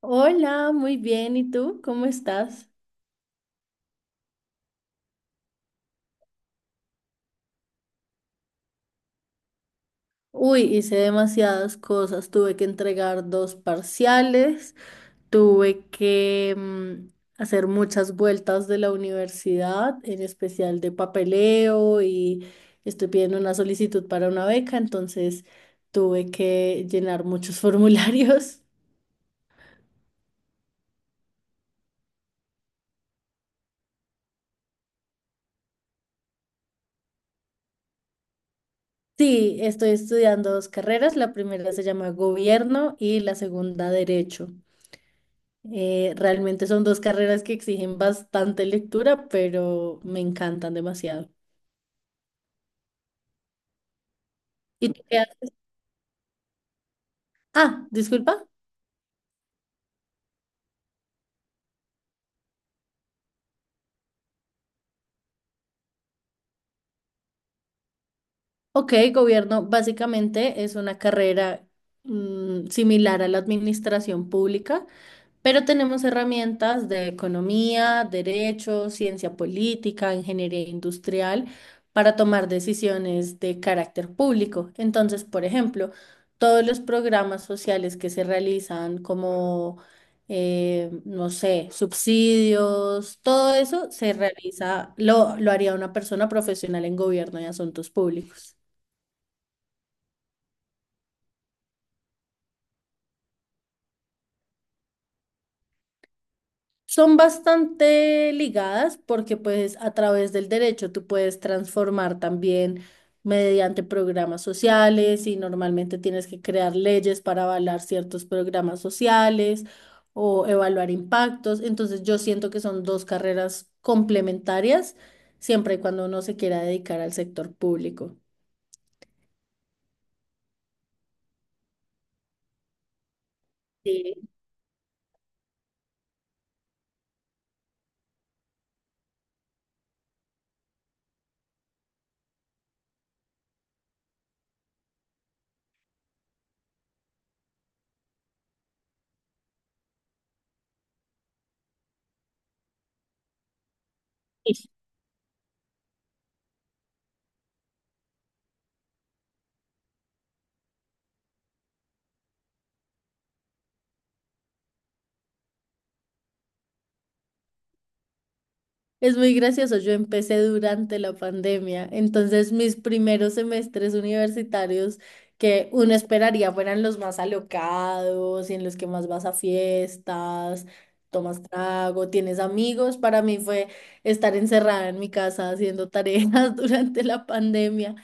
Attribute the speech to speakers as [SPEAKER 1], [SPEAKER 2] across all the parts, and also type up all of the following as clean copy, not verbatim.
[SPEAKER 1] Hola, muy bien. ¿Y tú? ¿Cómo estás? Uy, hice demasiadas cosas. Tuve que entregar dos parciales, tuve que hacer muchas vueltas de la universidad, en especial de papeleo, y estoy pidiendo una solicitud para una beca, entonces tuve que llenar muchos formularios. Sí, estoy estudiando dos carreras. La primera se llama Gobierno y la segunda Derecho. Realmente son dos carreras que exigen bastante lectura, pero me encantan demasiado. ¿Y tú qué haces? Ah, disculpa. Ok, gobierno básicamente es una carrera similar a la administración pública, pero tenemos herramientas de economía, derecho, ciencia política, ingeniería industrial para tomar decisiones de carácter público. Entonces, por ejemplo, todos los programas sociales que se realizan como, no sé, subsidios, todo eso se realiza, lo haría una persona profesional en gobierno y asuntos públicos. Son bastante ligadas porque pues a través del derecho tú puedes transformar también mediante programas sociales, y normalmente tienes que crear leyes para avalar ciertos programas sociales o evaluar impactos. Entonces yo siento que son dos carreras complementarias siempre y cuando uno se quiera dedicar al sector público. Sí. Es muy gracioso, yo empecé durante la pandemia, entonces mis primeros semestres universitarios, que uno esperaría fueran los más alocados y en los que más vas a fiestas, tomas trago, tienes amigos, para mí fue estar encerrada en mi casa haciendo tareas durante la pandemia.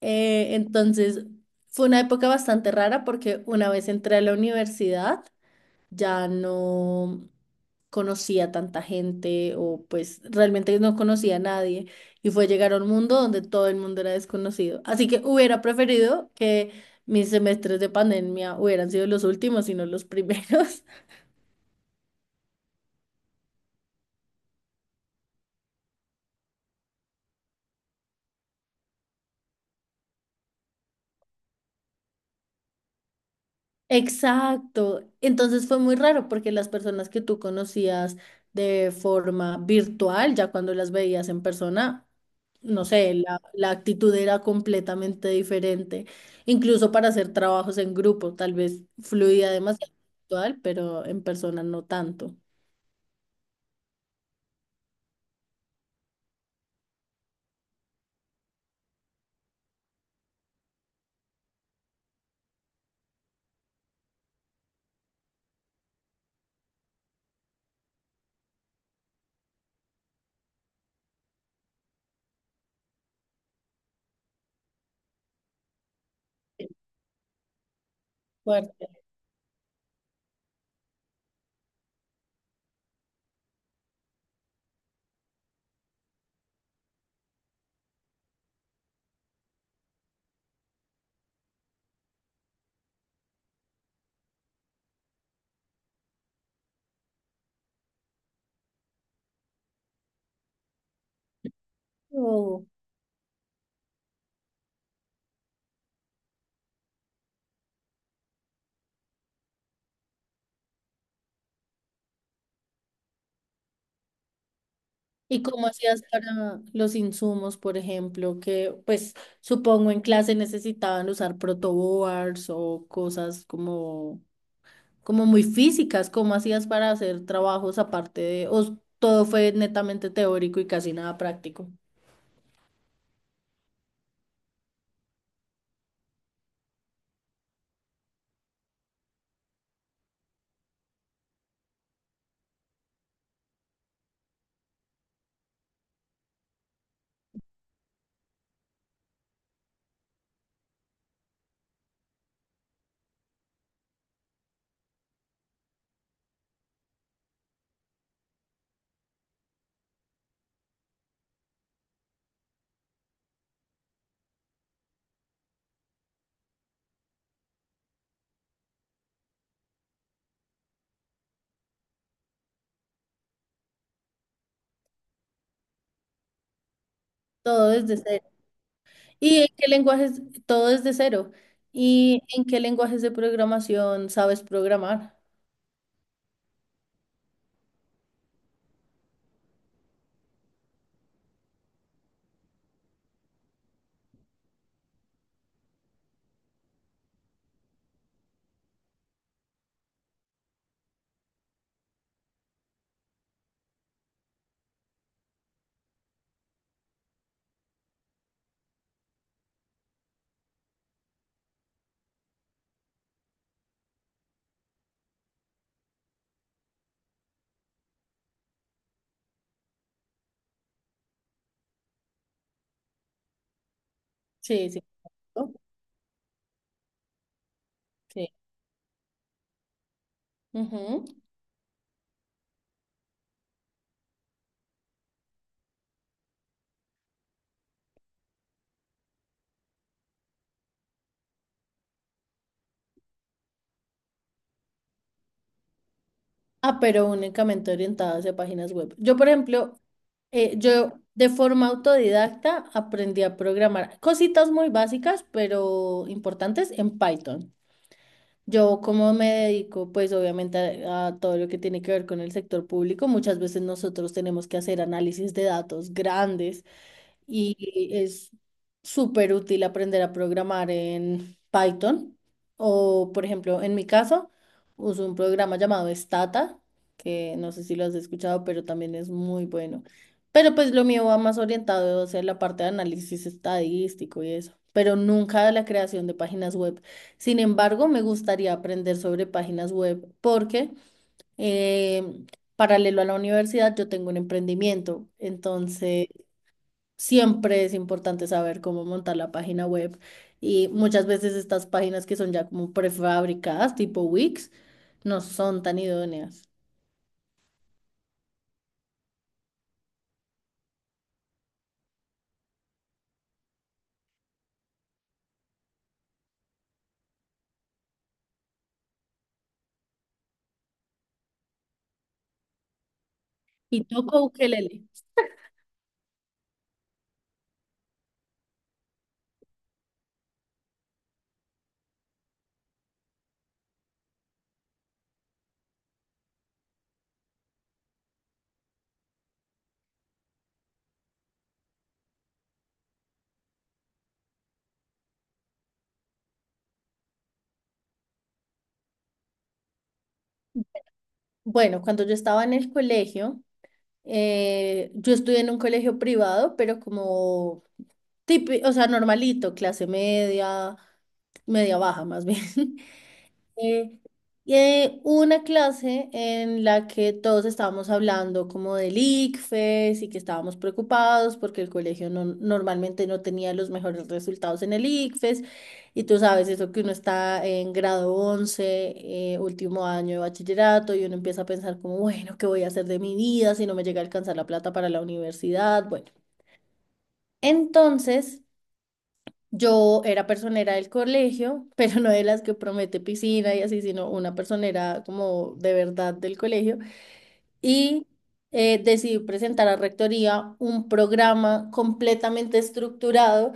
[SPEAKER 1] Entonces fue una época bastante rara, porque una vez entré a la universidad, ya no conocía tanta gente, o pues realmente no conocía a nadie, y fue llegar a un mundo donde todo el mundo era desconocido. Así que hubiera preferido que mis semestres de pandemia hubieran sido los últimos y no los primeros. Exacto. Entonces fue muy raro porque las personas que tú conocías de forma virtual, ya cuando las veías en persona, no sé, la actitud era completamente diferente, incluso para hacer trabajos en grupo, tal vez fluía demasiado virtual, pero en persona no tanto. Fuerte. Oh. ¿Y cómo hacías para los insumos, por ejemplo, que pues supongo en clase necesitaban usar protoboards o cosas como, como muy físicas? ¿Cómo hacías para hacer trabajos aparte de, o todo fue netamente teórico y casi nada práctico? Todo desde. ¿Y en qué lenguajes? Todo es de cero. ¿Y en qué lenguajes de programación sabes programar? Sí, sí. ¿No? Sí. Ujú. Ah, pero únicamente orientadas a páginas web. Yo, por ejemplo, yo de forma autodidacta aprendí a programar cositas muy básicas, pero importantes en Python. Yo como me dedico, pues obviamente a todo lo que tiene que ver con el sector público, muchas veces nosotros tenemos que hacer análisis de datos grandes, y es súper útil aprender a programar en Python o, por ejemplo, en mi caso, uso un programa llamado Stata, que no sé si lo has escuchado, pero también es muy bueno. Pero pues lo mío va más orientado hacia la parte de análisis estadístico y eso, pero nunca a la creación de páginas web. Sin embargo, me gustaría aprender sobre páginas web porque eh, paralelo a la universidad yo tengo un emprendimiento, entonces siempre es importante saber cómo montar la página web, y muchas veces estas páginas que son ya como prefabricadas, tipo Wix, no son tan idóneas. Y toco ukelele. Bueno, cuando yo estaba en el colegio, yo estudié en un colegio privado, pero como o sea, normalito, clase media, media baja más bien. Eh, y, una clase en la que todos estábamos hablando como del ICFES, y que estábamos preocupados porque el colegio no, normalmente no tenía los mejores resultados en el ICFES. Y tú sabes eso que uno está en grado 11, último año de bachillerato, y uno empieza a pensar como, bueno, ¿qué voy a hacer de mi vida si no me llega a alcanzar la plata para la universidad? Bueno. Entonces, yo era personera del colegio, pero no de las que promete piscina y así, sino una personera como de verdad del colegio. Y decidí presentar a Rectoría un programa completamente estructurado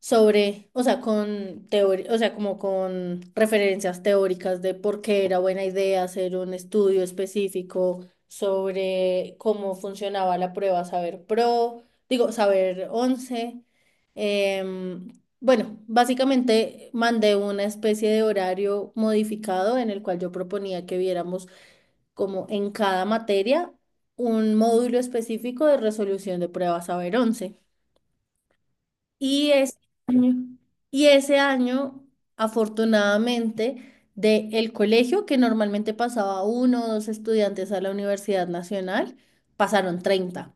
[SPEAKER 1] sobre, o sea, con teoría, o sea, como con referencias teóricas de por qué era buena idea hacer un estudio específico sobre cómo funcionaba la prueba Saber Pro, digo, Saber 11. Em, bueno, básicamente mandé una especie de horario modificado en el cual yo proponía que viéramos como en cada materia un módulo específico de resolución de pruebas Saber 11. Y ese año, y ese año, afortunadamente, de el colegio, que normalmente pasaba uno o dos estudiantes a la Universidad Nacional, pasaron 30.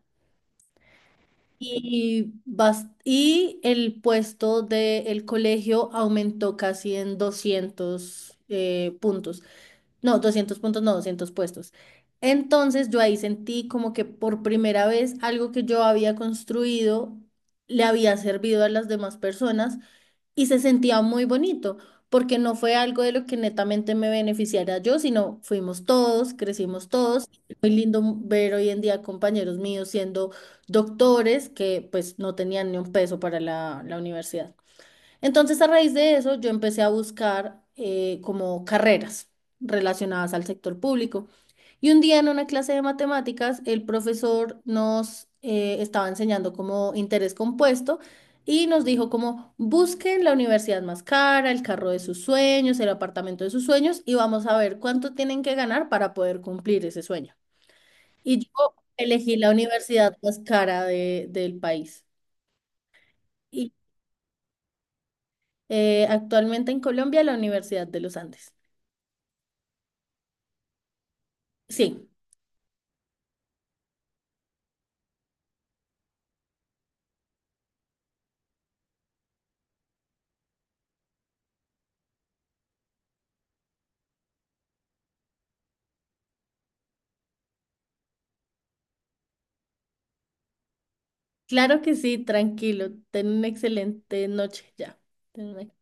[SPEAKER 1] Y el puesto del colegio aumentó casi en 200 puntos. No, 200 puntos, no, 200 puestos. Entonces yo ahí sentí como que por primera vez algo que yo había construido le había servido a las demás personas, y se sentía muy bonito, porque no fue algo de lo que netamente me beneficiara yo, sino fuimos todos, crecimos todos. Muy lindo ver hoy en día compañeros míos siendo doctores que pues no tenían ni un peso para la universidad. Entonces, a raíz de eso, yo empecé a buscar como carreras relacionadas al sector público. Y un día en una clase de matemáticas, el profesor nos estaba enseñando como interés compuesto y nos dijo como busquen la universidad más cara, el carro de sus sueños, el apartamento de sus sueños y vamos a ver cuánto tienen que ganar para poder cumplir ese sueño. Y yo elegí la universidad más cara del país. Y actualmente en Colombia, la Universidad de los Andes. Sí, claro que sí, tranquilo. Ten una excelente noche ya. Ten una